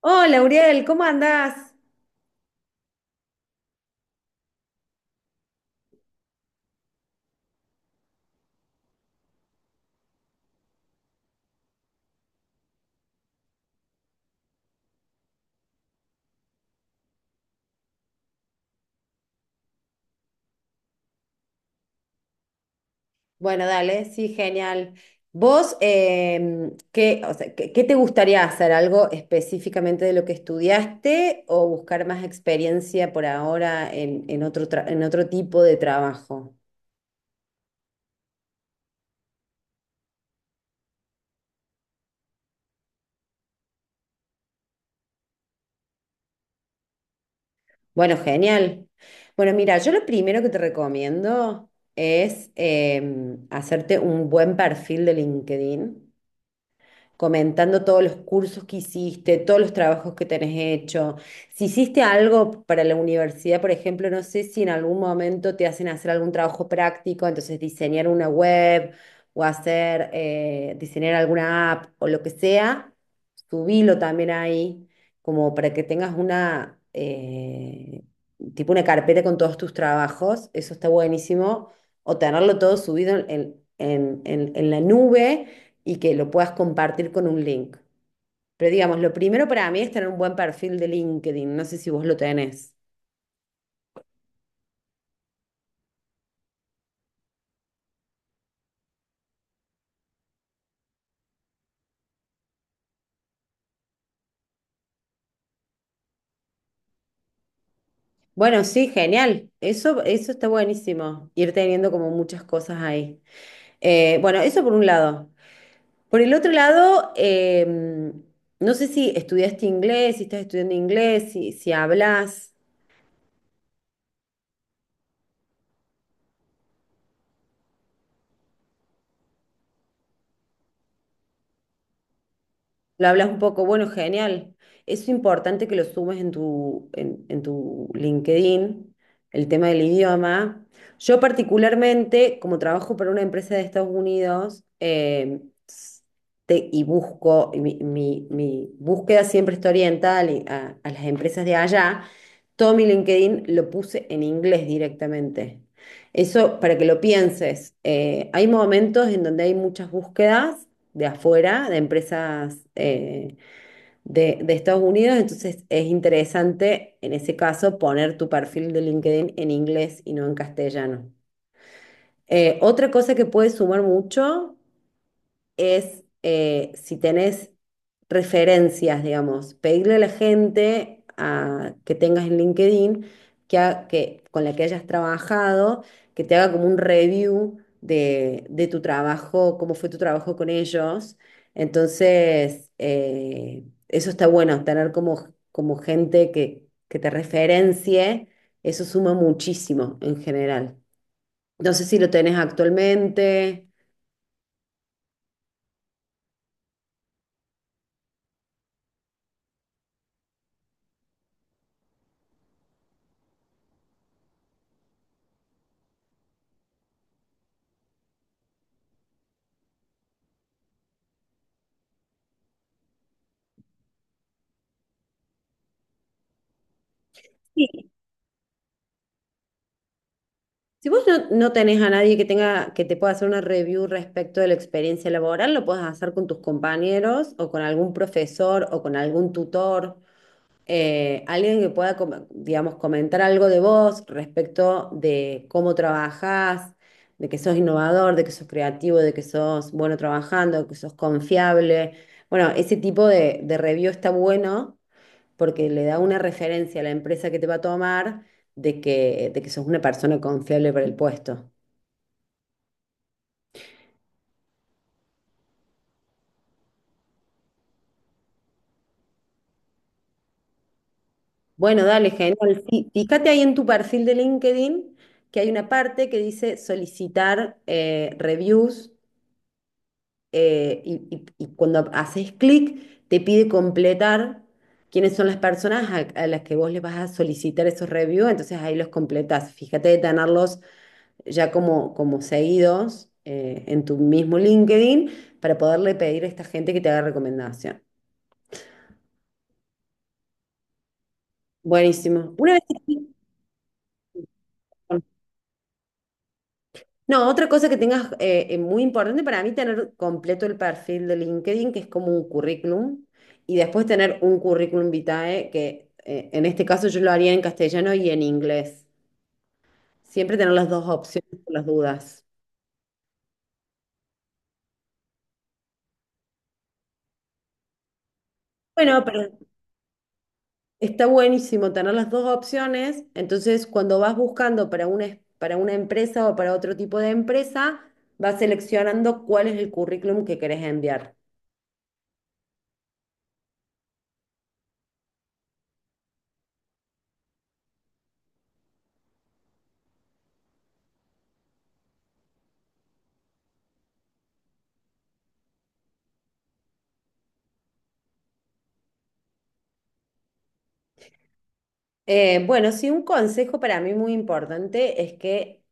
Hola, Uriel, ¿cómo andás? Bueno, dale, sí, genial. Vos, ¿qué, o sea, qué, qué te gustaría hacer? ¿Algo específicamente de lo que estudiaste o buscar más experiencia por ahora en otro, en otro tipo de trabajo? Bueno, genial. Bueno, mira, yo lo primero que te recomiendo es hacerte un buen perfil de LinkedIn, comentando todos los cursos que hiciste, todos los trabajos que tenés hecho. Si hiciste algo para la universidad, por ejemplo, no sé si en algún momento te hacen hacer algún trabajo práctico, entonces diseñar una web o hacer, diseñar alguna app o lo que sea, subilo también ahí, como para que tengas una, tipo una carpeta con todos tus trabajos, eso está buenísimo, o tenerlo todo subido en la nube y que lo puedas compartir con un link. Pero digamos, lo primero para mí es tener un buen perfil de LinkedIn. No sé si vos lo tenés. Bueno, sí, genial. Eso está buenísimo. Ir teniendo como muchas cosas ahí. Bueno, eso por un lado. Por el otro lado, no sé si estudiaste inglés, si estás estudiando inglés, si hablas. Lo hablas un poco, bueno, genial. Es importante que lo sumes en tu, en tu LinkedIn, el tema del idioma. Yo particularmente, como trabajo para una empresa de Estados Unidos, s- y busco, y mi búsqueda siempre está orientada a las empresas de allá, todo mi LinkedIn lo puse en inglés directamente. Eso para que lo pienses. Hay momentos en donde hay muchas búsquedas de afuera, de empresas de Estados Unidos, entonces es interesante en ese caso poner tu perfil de LinkedIn en inglés y no en castellano. Otra cosa que puede sumar mucho es si tenés referencias, digamos, pedirle a la gente que tengas en LinkedIn que, con la que hayas trabajado, que te haga como un review de tu trabajo, cómo fue tu trabajo con ellos. Entonces, eso está bueno, tener como, como gente que te referencie, eso suma muchísimo en general. No sé si lo tenés actualmente. Si vos no tenés a nadie que tenga, que te pueda hacer una review respecto de la experiencia laboral, lo puedes hacer con tus compañeros o con algún profesor o con algún tutor, alguien que pueda, digamos, comentar algo de vos respecto de cómo trabajás, de que sos innovador, de que sos creativo, de que sos bueno trabajando, de que sos confiable. Bueno, ese tipo de review está bueno porque le da una referencia a la empresa que te va a tomar de que sos una persona confiable para el puesto. Bueno, dale, genial. Sí, fíjate ahí en tu perfil de LinkedIn que hay una parte que dice solicitar reviews, y, y cuando haces clic te pide completar quiénes son las personas a las que vos les vas a solicitar esos reviews, entonces ahí los completas. Fíjate de tenerlos ya como, como seguidos en tu mismo LinkedIn para poderle pedir a esta gente que te haga recomendación. Buenísimo. Una vez que... No, otra cosa que tengas muy importante para mí, tener completo el perfil de LinkedIn, que es como un currículum, y después tener un currículum vitae, que en este caso yo lo haría en castellano y en inglés. Siempre tener las dos opciones por las dudas. Bueno, pero está buenísimo tener las dos opciones, entonces cuando vas buscando para una, para una empresa o para otro tipo de empresa, vas seleccionando cuál es el currículum que querés enviar. Bueno, sí, un consejo para mí muy importante es que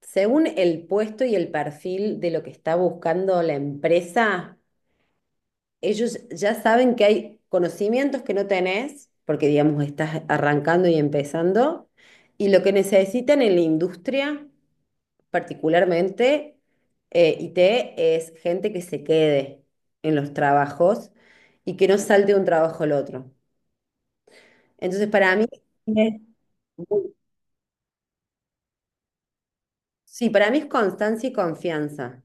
según el puesto y el perfil de lo que está buscando la empresa, ellos ya saben que hay conocimientos que no tenés, porque digamos estás arrancando y empezando, y lo que necesitan en la industria, particularmente, IT, es gente que se quede en los trabajos y que no salte de un trabajo al otro. Entonces, para mí, es muy- sí, para mí es constancia y confianza.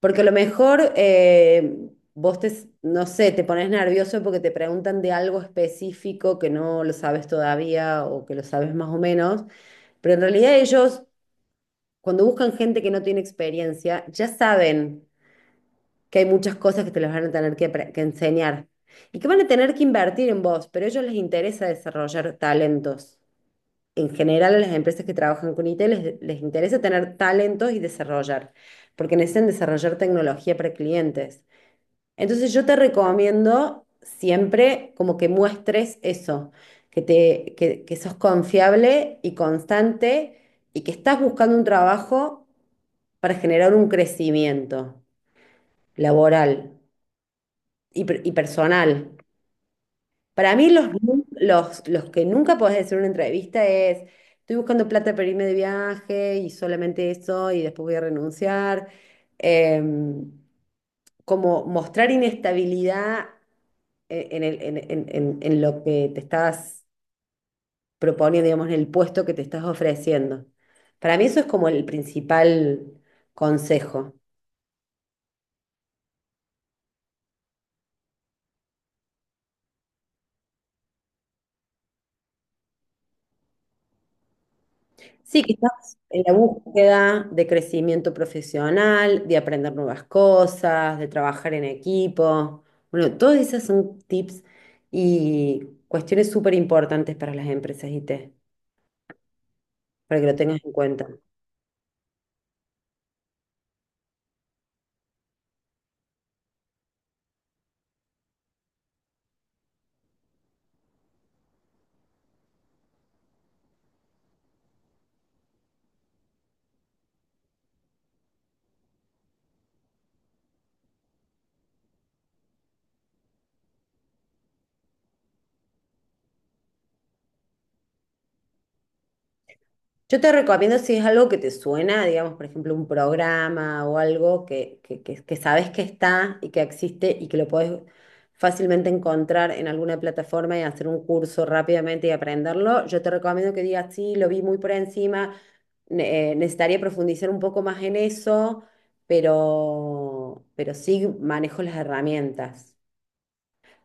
Porque a lo mejor vos no sé, te pones nervioso porque te preguntan de algo específico que no lo sabes todavía o que lo sabes más o menos, pero en realidad ellos, cuando buscan gente que no tiene experiencia, ya saben que hay muchas cosas que te las van a tener que enseñar y que van a tener que invertir en vos, pero a ellos les interesa desarrollar talentos. En general, a las empresas que trabajan con IT les interesa tener talentos y desarrollar, porque necesitan desarrollar tecnología para clientes. Entonces, yo te recomiendo siempre como que muestres eso, que sos confiable y constante y que estás buscando un trabajo para generar un crecimiento laboral y personal. Para mí los que nunca podés decir en una entrevista es, estoy buscando plata para irme de viaje y solamente eso y después voy a renunciar. Em, como mostrar inestabilidad e- en el- en lo que te estás proponiendo, digamos, en el puesto que te estás ofreciendo. Para mí eso es como el principal consejo. Sí, quizás en la búsqueda de crecimiento profesional, de aprender nuevas cosas, de trabajar en equipo. Bueno, todas esas son tips y cuestiones súper importantes para las empresas IT, para que lo tengas en cuenta. Yo te recomiendo si es algo que te suena, digamos, por ejemplo, un programa o algo que sabes que está y que existe y que lo podés fácilmente encontrar en alguna plataforma y hacer un curso rápidamente y aprenderlo. Yo te recomiendo que digas, sí, lo vi muy por encima, necesitaría profundizar un poco más en eso, pero sí manejo las herramientas.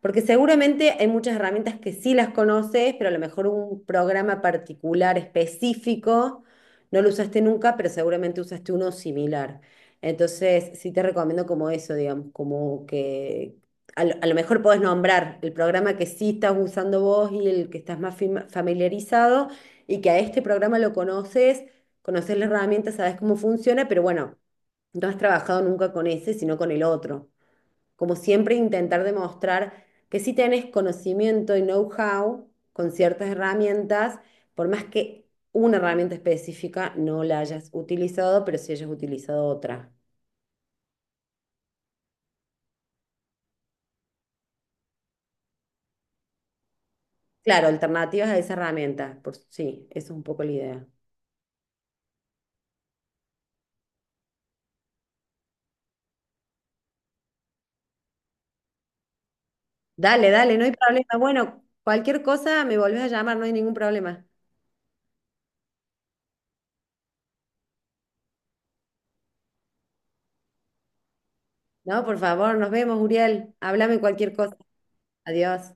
Porque seguramente hay muchas herramientas que sí las conoces, pero a lo mejor un programa particular específico no lo usaste nunca, pero seguramente usaste uno similar. Entonces, sí te recomiendo como eso, digamos, como que a a lo mejor podés nombrar el programa que sí estás usando vos y el que estás más familiarizado y que a este programa lo conoces, conoces la herramienta, sabes cómo funciona, pero bueno, no has trabajado nunca con ese, sino con el otro, como siempre intentar demostrar que sí tenés conocimiento y know-how con ciertas herramientas, por más que una herramienta específica no la hayas utilizado, pero sí hayas utilizado otra. Claro, alternativas a esa herramienta, por, sí, eso es un poco la idea. Dale, dale, no hay problema. Bueno, cualquier cosa me volvés a llamar, no hay ningún problema. No, por favor, nos vemos, Uriel. Háblame cualquier cosa. Adiós.